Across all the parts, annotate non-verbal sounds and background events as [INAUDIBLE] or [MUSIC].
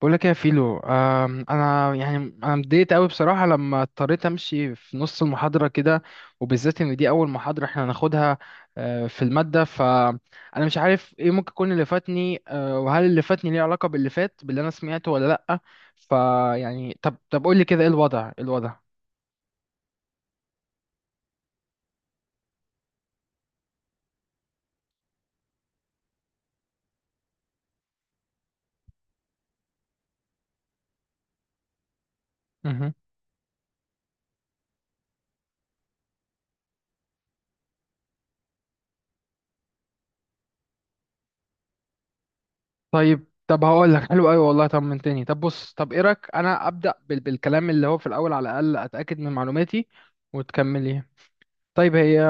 بقول لك إيه يا فيلو، يعني انا متضايقت قوي بصراحه لما اضطريت امشي في نص المحاضره كده، وبالذات ان دي اول محاضره احنا هناخدها في الماده. فانا مش عارف ايه ممكن يكون اللي فاتني، وهل اللي فاتني ليه علاقه باللي فات باللي انا سمعته ولا لا. فيعني طب قول لي كده ايه الوضع، إيه الوضع؟ مهم. طيب، هقول لك [LAUGHS] حلو قوي والله، طمنتني. طب بص، طب ايه رايك انا ابدا بالكلام اللي هو في الاول، على الاقل اتاكد من معلوماتي وتكملي. طيب هي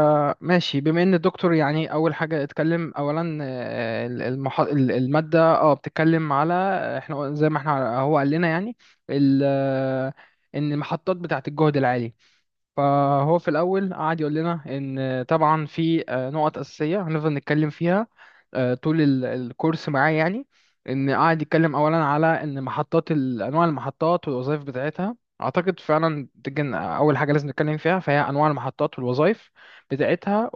ماشي. بما ان الدكتور يعني اول حاجه اتكلم اولا، الماده بتتكلم على احنا زي ما احنا هو قال لنا يعني. ال... آه، ان المحطات بتاعه الجهد العالي، فهو في الأول قعد يقول لنا إن طبعا في نقط أساسية هنفضل نتكلم فيها طول الكورس معاه يعني. إن قعد يتكلم أولا على إن أنواع المحطات والوظائف بتاعتها. أعتقد فعلا تجن أول حاجة لازم نتكلم فيها فهي أنواع المحطات والوظائف بتاعتها.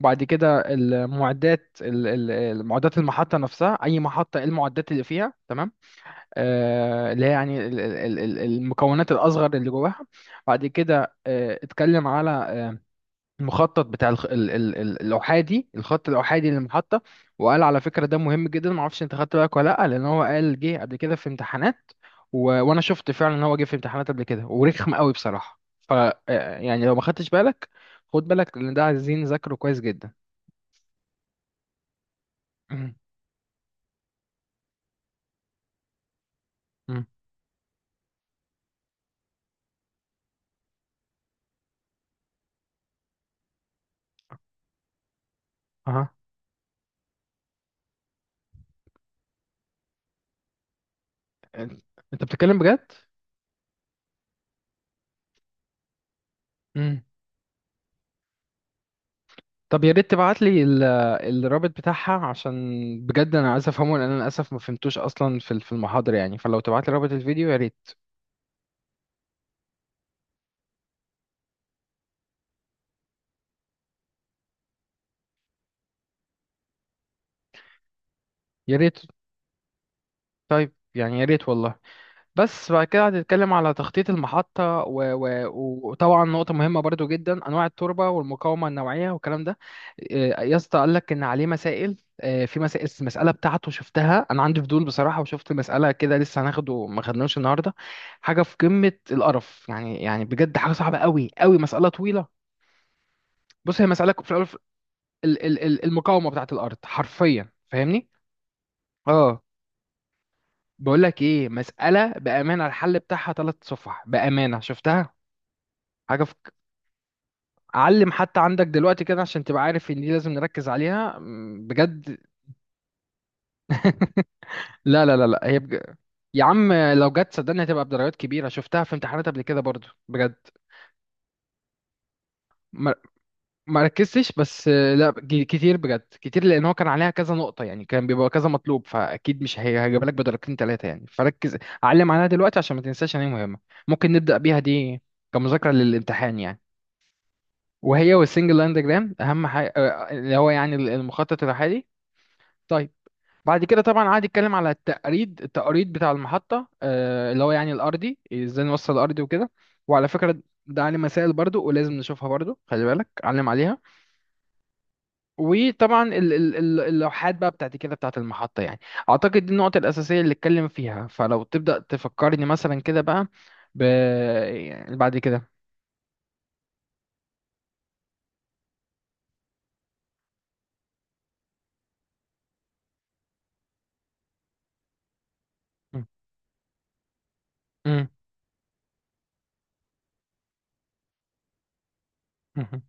وبعد كده المعدات، المحطة نفسها أي محطة إيه المعدات اللي فيها، تمام؟ اللي هي يعني المكونات الأصغر اللي جواها. بعد كده اتكلم على المخطط بتاع الخ- ال- ال- ال- الأحادي الخط الأحادي للمحطة، وقال على فكرة ده مهم جدا، معرفش انت خدت بالك ولا لأ، لأن هو قال جه قبل كده في امتحانات، وأنا شفت فعلا إن هو جه في امتحانات قبل كده ورخم قوي بصراحة. ف آه، يعني لو ما خدتش بالك، خد بالك لأن ده عايزين نذاكره كويس جدا. مم. مم. أها. أنت، بتتكلم بجد؟ طب يا ريت تبعت لي الرابط بتاعها، عشان بجد انا عايز افهمه، لان انا للاسف ما فهمتوش اصلا في في المحاضره يعني. فلو تبعت لي رابط الفيديو يا ريت. يا ريت. طيب يعني يا ريت والله. بس بعد كده هنتكلم على تخطيط المحطة وطبعا نقطة مهمة برضو جدا، أنواع التربة والمقاومة النوعية والكلام ده. يا اسطى قال لك إن عليه مسائل. في مسائل، المسألة بتاعته شفتها أنا، عندي فضول بصراحة، وشفت مسألة كده لسه هناخده، ما خدناش النهاردة. حاجة في قمة القرف يعني، بجد حاجة صعبة قوي، مسألة طويلة. بص هي مسألة في الأول المقاومة بتاعت الأرض حرفيا، فاهمني؟ اه. بقول لك ايه، مسألة بأمانة الحل بتاعها ثلاث صفح بأمانة شفتها. حاجة علم حتى عندك دلوقتي كده عشان تبقى عارف ان دي لازم نركز عليها، بجد. لا هي يا عم لو جت صدقني هتبقى بدرجات كبيرة، شفتها في امتحانات قبل كده برضو بجد. ما ما ركزتش بس، لا، كتير بجد كتير، لان هو كان عليها كذا نقطة يعني، كان بيبقى كذا مطلوب، فاكيد مش هي هجيب لك بدرجتين ثلاثة يعني. فركز، علم عليها دلوقتي عشان ما تنساش ان هي مهمة. ممكن نبدأ بيها دي كمذاكرة للامتحان يعني. وهي والسنجل لاين ديجرام اهم حاجة، اللي هو يعني المخطط الحالي. طيب، بعد كده طبعا قعد يتكلم على التقريد، بتاع المحطة، اللي هو يعني الأرضي، ازاي نوصل الأرضي وكده. وعلى فكرة ده علم مسائل برضو، ولازم نشوفها برضو، خلي بالك علم عليها. وطبعا اللوحات بقى بتاعت كده، بتاعت المحطة يعني. أعتقد دي النقطة الأساسية اللي اتكلم فيها. فلو تبدأ تفكرني مثلا كده بقى ب... يعني بعد كده. م- م- م-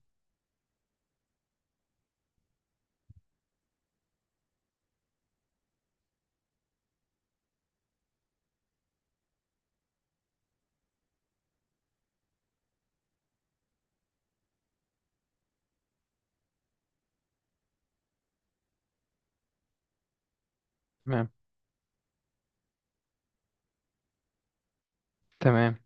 تمام. تمام.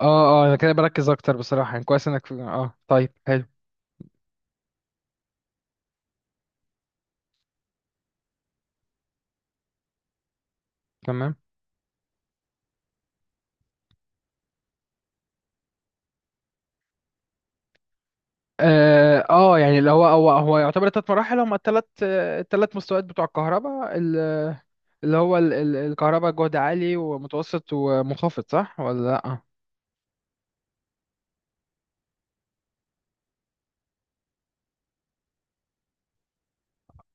اه اه انا كده بركز اكتر بصراحة يعني، كويس انك، اه طيب حلو. تمام. يعني اللي هو يعتبر ثلاث مراحل، هم الثلاث، مستويات بتوع اللي هو الكهرباء جهد عالي ومتوسط ومنخفض، صح ولا لا؟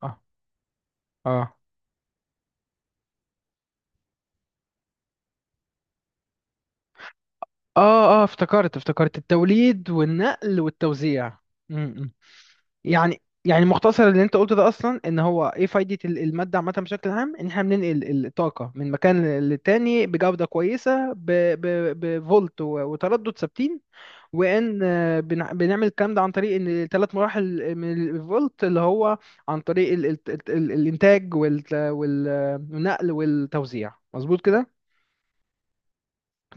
اه اه اه افتكرت، التوليد والنقل والتوزيع. م- م. يعني، مختصر اللي انت قلته ده اصلا ان هو ايه فايدة المادة عامة بشكل عام، ان احنا بننقل الطاقة من مكان للتاني بجودة كويسة، بفولت وتردد ثابتين. وان بنعمل الكلام ده عن طريق ان ثلاث مراحل من الفولت، اللي هو عن طريق ال الانتاج والنقل والتوزيع، مظبوط كده.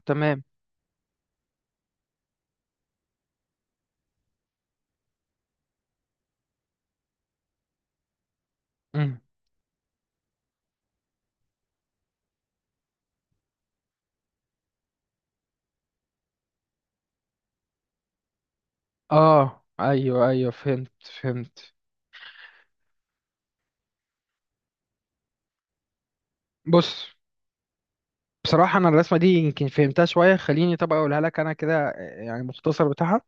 تمام. مم. اه ايوه فهمت. فهمت. بص، بصراحة أنا الرسمة دي يمكن فهمتها شوية، خليني طب أقولها لك أنا كده، يعني مختصر بتاعها.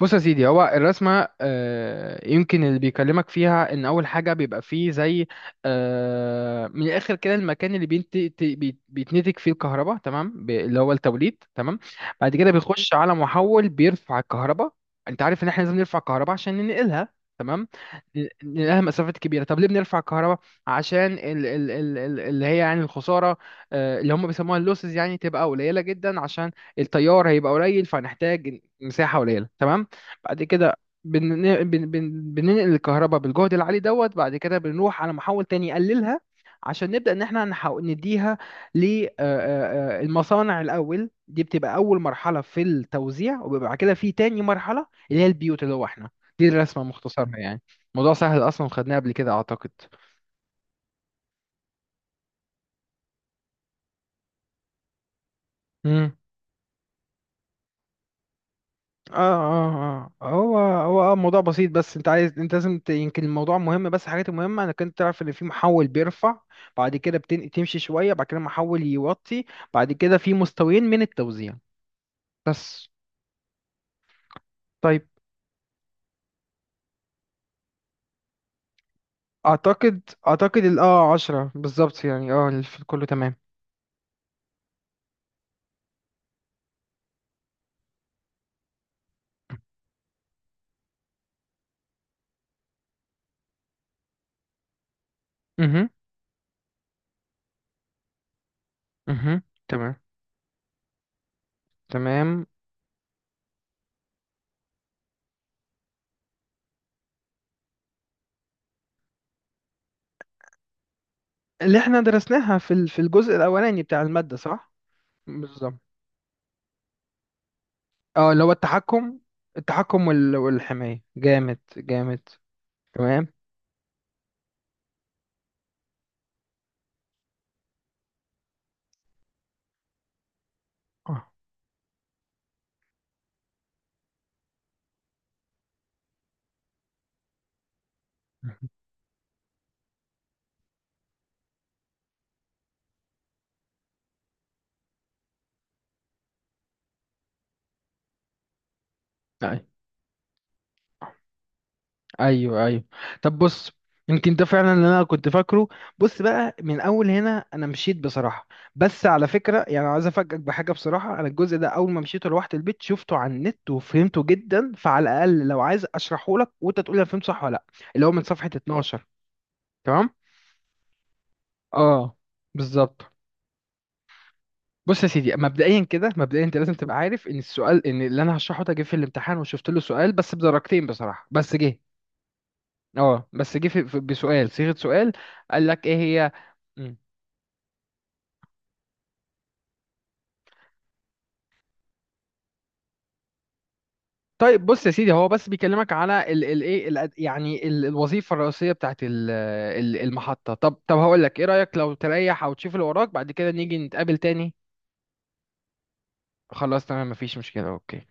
بص يا سيدي، هو الرسمة يمكن اللي بيكلمك فيها إن أول حاجة بيبقى فيه زي، من الآخر كده، المكان اللي بيتنتج فيه الكهرباء، تمام، اللي هو التوليد، تمام. بعد كده بيخش على محول بيرفع الكهرباء. أنت عارف إن إحنا لازم نرفع الكهرباء عشان ننقلها. تمام. لانها مسافات كبيره. طب ليه بنرفع الكهرباء؟ عشان ال ال ال ال اللي هي يعني الخساره، اللي هم بيسموها اللوسز يعني، تبقى قليله جدا، عشان التيار هيبقى قليل فهنحتاج مساحه قليله، تمام. بعد كده بننقل الكهرباء بالجهد العالي دوت. بعد كده بنروح على محول تاني يقللها عشان نبدا ان احنا نحاول نديها للمصانع الاول. دي بتبقى اول مرحله في التوزيع، وبيبقى بعد كده في تاني مرحله اللي هي البيوت اللي هو احنا. دي الرسمه مختصرها يعني، موضوع سهل اصلا وخدناه قبل كده اعتقد. امم اه هو اه موضوع بسيط. بس انت عايز انت لازم يمكن الموضوع مهم، بس الحاجات المهمه انك انت تعرف ان في محول بيرفع، بعد كده تمشي شويه، بعد كده محول يوطي، بعد كده في مستويين من التوزيع، بس. طيب، اعتقد ال 10 بالظبط يعني، كله تمام. اها. اها. تمام. تمام. اللي احنا درسناها في في الجزء الاولاني بتاع الماده، صح؟ بالظبط. اه اللي هو التحكم، التحكم والحماية، جامد جامد. تمام. اه. أي- ايوه. طب بص، يمكن ده فعلا اللي انا كنت فاكره. بص بقى، من اول هنا انا مشيت بصراحه. بس على فكره يعني عايز افاجئك بحاجه بصراحه، انا الجزء ده اول ما مشيته لوحدي البيت شفته على النت وفهمته جدا، فعلى الاقل لو عايز اشرحه لك وانت تقول لي انا فهمت صح ولا لا. اللي هو من صفحه 12. تمام. اه. بالظبط. بص يا سيدي، مبدئيا انت لازم تبقى عارف ان السؤال، ان اللي انا هشرحه ده جه في الامتحان، وشفت له سؤال بس بدرجتين بصراحه، بس جه. اه بس جه بسؤال، صيغه سؤال قال لك ايه هي. مم. طيب بص يا سيدي، هو بس بيكلمك على ال ال ايه يعني الوظيفه الرئيسيه بتاعت ال ال المحطه. طب، هقول لك، ايه رايك لو تريح او تشوف اللي وراك بعد كده نيجي نتقابل تاني؟ خلاص تمام، مفيش مشكله. اوكي.